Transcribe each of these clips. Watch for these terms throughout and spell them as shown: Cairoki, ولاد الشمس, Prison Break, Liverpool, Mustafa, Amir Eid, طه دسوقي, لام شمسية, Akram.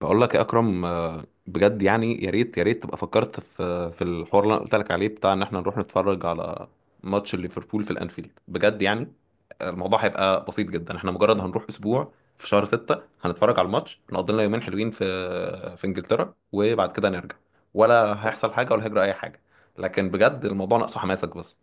بقول لك يا اكرم، بجد يعني يا ريت تبقى فكرت في الحوار اللي انا قلت لك عليه، بتاع ان احنا نروح نتفرج على ماتش ليفربول في الانفيلد. بجد يعني الموضوع هيبقى بسيط جدا. احنا مجرد هنروح اسبوع في شهر ستة، هنتفرج على الماتش، نقضي لنا يومين حلوين في انجلترا، وبعد كده نرجع. ولا هيحصل حاجة، ولا هيجرى اي حاجة، لكن بجد الموضوع ناقصه حماسك بس.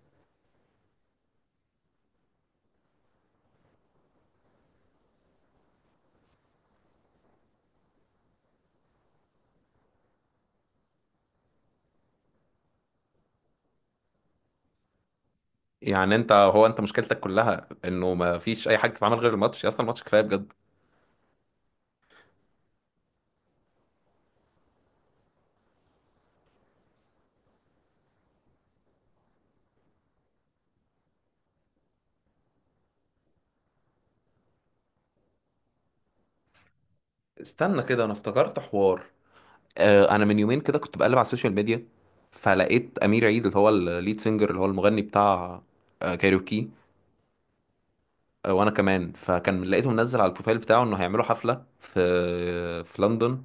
يعني انت مشكلتك كلها انه ما فيش اي حاجة تتعمل غير الماتش. يا اسطى، الماتش كفاية بجد. استنى كده، انا افتكرت حوار. انا من يومين كده كنت بقلب على السوشيال ميديا، فلقيت امير عيد، اللي هو الليد سينجر اللي هو المغني بتاع كايروكي. وانا كمان، فكان لقيته منزل على البروفايل بتاعه انه هيعملوا حفله في لندن.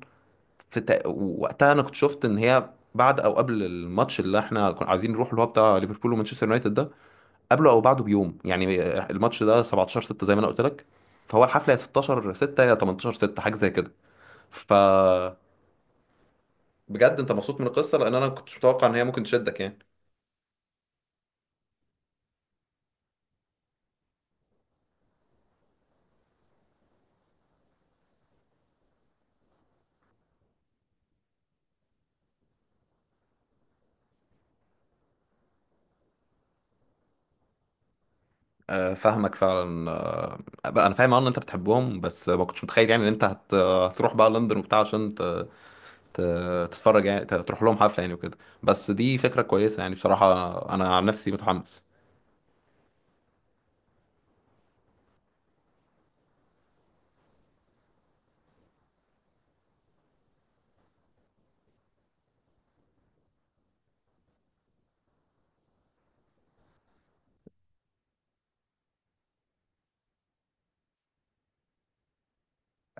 وقتها انا كنت شفت ان هي بعد او قبل الماتش اللي احنا كنا عايزين نروح، اللي هو بتاع ليفربول ومانشستر يونايتد ده، قبله او بعده بيوم يعني. الماتش ده 17 6 زي ما انا قلت لك، فهو الحفله يا 16 6 يا 18 6، حاجه زي كده. ف بجد انت مبسوط من القصه، لان انا كنتش متوقع ان هي ممكن تشدك يعني. فاهمك فعلا. بقى انا فاهم، اه، ان انت بتحبهم، بس ما كنتش متخيل يعني ان انت هتروح بقى لندن وبتاع عشان ت... تتفرج يعني، تروح لهم حفله يعني، وكده. بس دي فكره كويسه يعني بصراحه. انا عن نفسي متحمس.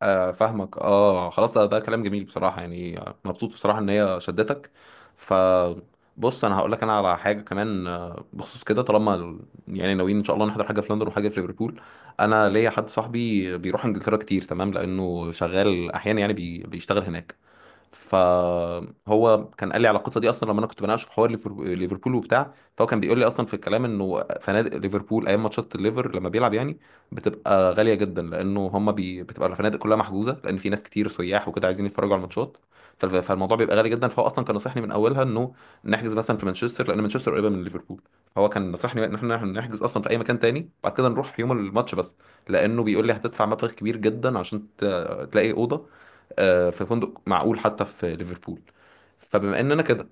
فاهمك اه. خلاص، ده كلام جميل بصراحة، يعني مبسوط بصراحة ان هي شدتك. ف بص انا هقول لك انا على حاجه كمان. بخصوص كده، طالما يعني ناويين ان شاء الله نحضر حاجه في لندن وحاجه في ليفربول، انا ليا حد صاحبي بيروح انجلترا كتير، تمام، لانه شغال احيانا يعني، بيشتغل هناك. فهو كان قال لي على القصه دي اصلا، لما انا كنت بناقشه في حوار ليفربول وبتاع، فهو كان بيقول لي اصلا في الكلام انه فنادق ليفربول ايام ماتشات الليفر، لما بيلعب يعني، بتبقى غاليه جدا، لانه هم بتبقى الفنادق كلها محجوزه، لان في ناس كتير سياح وكده عايزين يتفرجوا على الماتشات. فالموضوع بيبقى غالي جدا. فهو اصلا كان نصحني من اولها انه نحجز مثلا في مانشستر، لان مانشستر قريبه من ليفربول. فهو كان نصحني ان احنا نحجز اصلا في اي مكان تاني، بعد كده نروح يوم الماتش بس. لانه بيقول لي هتدفع مبلغ كبير جدا عشان تلاقي اوضه في فندق معقول حتى في ليفربول. فبما اننا كده،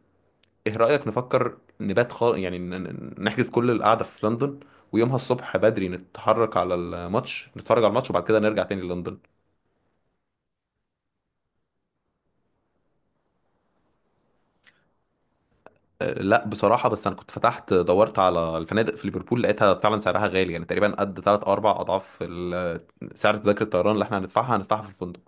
ايه رأيك نفكر نبات خالص يعني، نحجز كل القعدة في لندن، ويومها الصبح بدري نتحرك على الماتش، نتفرج على الماتش وبعد كده نرجع تاني لندن. أه لا، بصراحة، بس انا كنت فتحت دورت على الفنادق في ليفربول، لقيتها فعلا سعرها غالي، يعني تقريبا قد 3 او 4 اضعاف سعر تذاكر الطيران اللي احنا هندفعها في الفندق.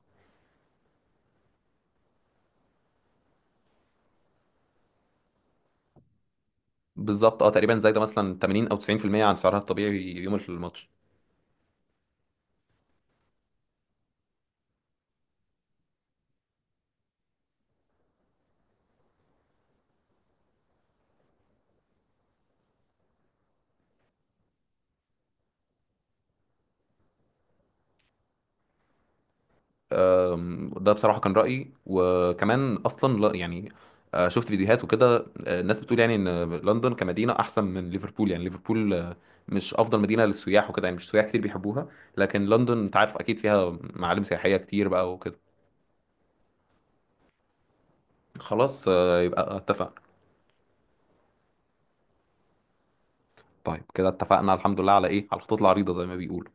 بالظبط، اه، تقريبا زي ده مثلا 80 او 90% عن سعرها الطبيعي يوم الماتش. ده بصراحة كان رأيي، وكمان أصلا لا يعني، شفت فيديوهات وكده، الناس بتقول يعني إن لندن كمدينة أحسن من ليفربول، يعني ليفربول مش أفضل مدينة للسياح وكده، يعني مش سياح كتير بيحبوها، لكن لندن أنت عارف أكيد فيها معالم سياحية كتير بقى وكده. خلاص، يبقى اتفقنا. طيب كده اتفقنا الحمد لله، على إيه، على الخطوط العريضة زي ما بيقولوا.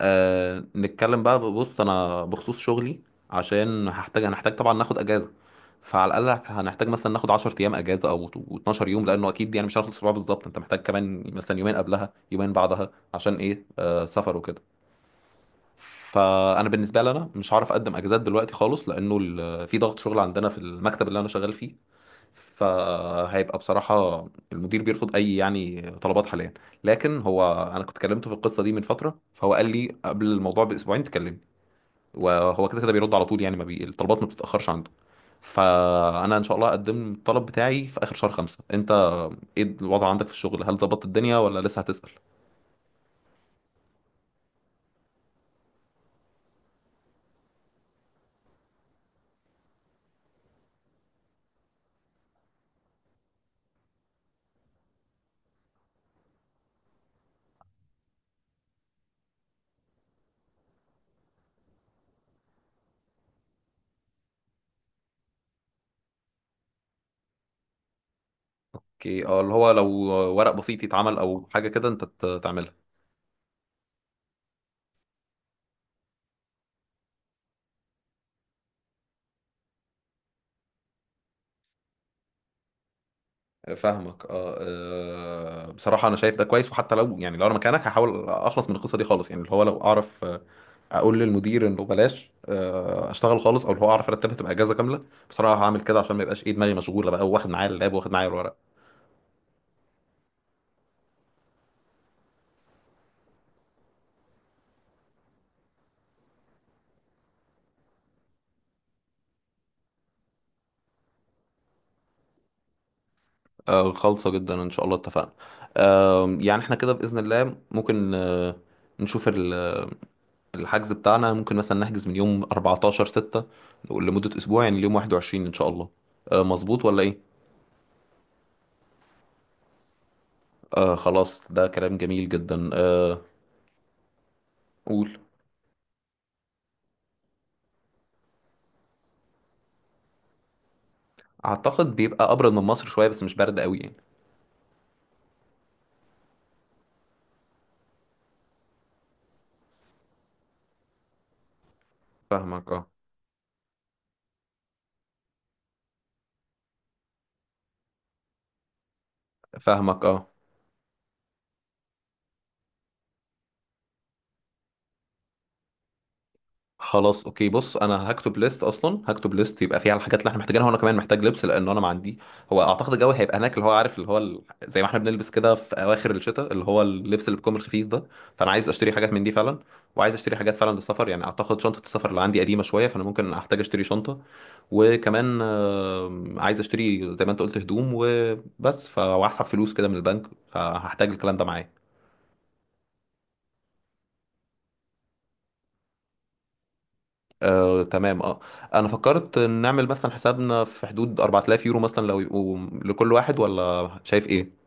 نتكلم بقى. بص انا بخصوص شغلي، عشان هنحتاج طبعا ناخد اجازه. فعلى الاقل هنحتاج مثلا ناخد 10 ايام اجازه او 12 يوم، لانه اكيد يعني مش هناخد اسبوع بالظبط، انت محتاج كمان مثلا يومين قبلها يومين بعدها، عشان ايه، سفر وكده. فانا بالنسبه لي، انا مش هعرف اقدم اجازات دلوقتي خالص، لانه في ضغط شغل عندنا في المكتب اللي انا شغال فيه. فهيبقى بصراحه المدير بيرفض اي يعني طلبات حاليا. لكن هو انا كنت كلمته في القصه دي من فتره، فهو قال لي قبل الموضوع باسبوعين تكلمني. وهو كده كده بيرد على طول، يعني ما بي... الطلبات ما بتتأخرش عنده. فأنا إن شاء الله أقدم الطلب بتاعي في آخر شهر خمسة. أنت إيه الوضع عندك في الشغل؟ هل ظبطت الدنيا ولا لسه هتسأل؟ اوكي، اه، اللي هو لو ورق بسيط يتعمل او حاجه كده انت تعملها. فاهمك، اه. بصراحه انا شايف ده كويس، وحتى لو يعني لو انا مكانك هحاول اخلص من القصه دي خالص، يعني اللي هو لو اعرف اقول للمدير انه بلاش اشتغل خالص، او اللي هو اعرف ارتبها تبقى اجازه كامله. بصراحه هعمل كده عشان ما يبقاش، ايه، دماغي مشغوله بقى واخد معايا اللاب واخد معايا الورق. خالصة جدا ان شاء الله. اتفقنا. يعني احنا كده بإذن الله ممكن نشوف الحجز بتاعنا. ممكن مثلا نحجز من يوم 14 6 لمدة اسبوع، يعني اليوم 21 ان شاء الله. مظبوط ولا ايه؟ خلاص، ده كلام جميل جدا. قول. اعتقد بيبقى ابرد من مصر شوية بس مش برد قوي يعني. فاهمك اه. فاهمك اه. خلاص اوكي. بص انا هكتب ليست، اصلا هكتب ليست يبقى فيها الحاجات اللي احنا محتاجينها، وانا كمان محتاج لبس لان انا ما عندي. هو اعتقد الجو هيبقى هناك اللي هو عارف اللي هو زي ما احنا بنلبس كده في اواخر الشتاء، اللي هو اللبس اللي بيكون الخفيف ده. فانا عايز اشتري حاجات من دي فعلا. وعايز اشتري حاجات فعلا للسفر يعني، اعتقد شنطه السفر اللي عندي قديمه شويه، فانا ممكن احتاج اشتري شنطه. وكمان عايز اشتري زي ما انت قلت هدوم وبس. وهسحب فلوس كده من البنك، فهحتاج الكلام ده معايا. تمام اه. انا فكرت نعمل مثلا حسابنا في حدود 4000 يورو مثلا لو يبقوا لكل واحد، ولا شايف ايه؟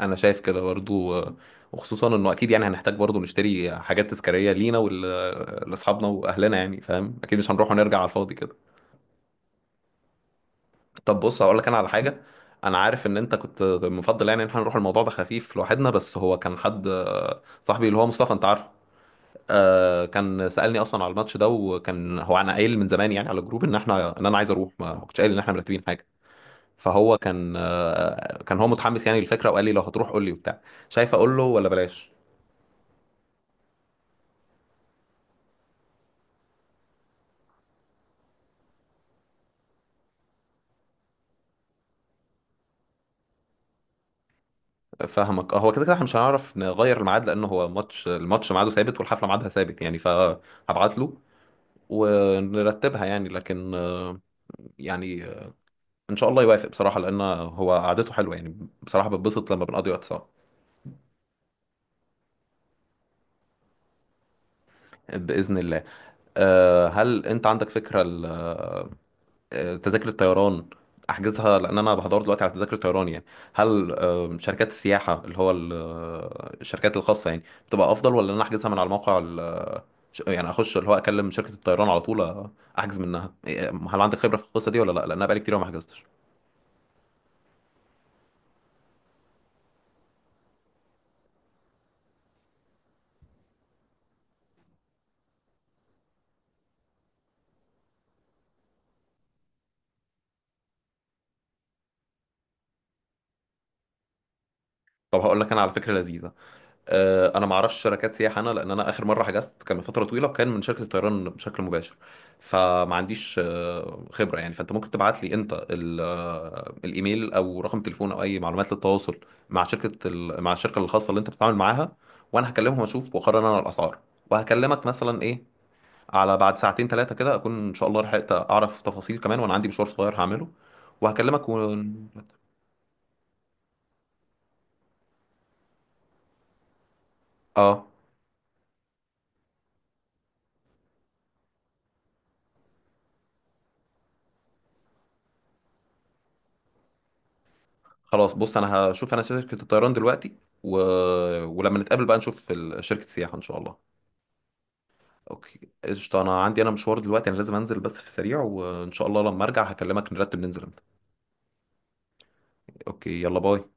انا شايف كده برضو. وخصوصا انه اكيد يعني هنحتاج برضو نشتري حاجات تذكارية لينا ولاصحابنا واهلنا يعني، فاهم اكيد مش هنروح ونرجع على الفاضي كده. طب بص هقول لك انا على حاجة. انا عارف ان انت كنت مفضل يعني ان احنا نروح الموضوع ده خفيف لوحدنا، بس هو كان حد صاحبي، اللي هو مصطفى، انت عارفه. كان سألني اصلا على الماتش ده، وكان هو انا قايل من زمان يعني على الجروب ان انا عايز اروح، ما كنتش قايل ان احنا مرتبين حاجه. فهو كان هو متحمس يعني للفكره، وقال لي لو هتروح قول لي وبتاع. شايف اقول له ولا بلاش؟ فاهمك. هو كده كده احنا مش هنعرف نغير الميعاد، لان هو الماتش ميعاده ثابت، والحفله ميعادها ثابت يعني، فهبعت له ونرتبها يعني. لكن يعني ان شاء الله يوافق بصراحه، لان هو قعدته حلوه يعني، بصراحه بتبسط لما بنقضي وقت سوا. باذن الله. هل انت عندك فكره تذاكر الطيران احجزها؟ لان انا بحضر دلوقتي على تذاكر الطيران يعني. هل شركات السياحه اللي هو الشركات الخاصه يعني بتبقى افضل، ولا ان انا احجزها من على موقع يعني اخش اللي هو اكلم شركه الطيران على طول، احجز منها؟ إيه، هل عندك خبره في القصه دي ولا لا؟ لان انا بقالي كتير ما حجزتش. طب هقول لك انا على فكره لذيذه. انا ما اعرفش شركات سياحه انا، لان انا اخر مره حجزت كان من فتره طويله وكان من شركه الطيران بشكل مباشر. فما عنديش خبره يعني. فانت ممكن تبعت لي انت الايميل او رقم تليفون او اي معلومات للتواصل مع الشركه الخاصه اللي انت بتتعامل معاها، وانا هكلمهم واشوف واقرر انا الاسعار، وهكلمك مثلا، ايه، على بعد ساعتين ثلاثه كده، اكون ان شاء الله لحقت اعرف تفاصيل كمان. وانا عندي مشوار صغير هعمله وهكلمك. اه خلاص. بص انا هشوف انا شركة الطيران دلوقتي، و... ولما نتقابل بقى نشوف شركة السياحة ان شاء الله. اوكي قشطة، انا عندي مشوار دلوقتي، انا لازم انزل بس في السريع، وان شاء الله لما ارجع هكلمك نرتب ننزل امتى. اوكي، يلا، باي.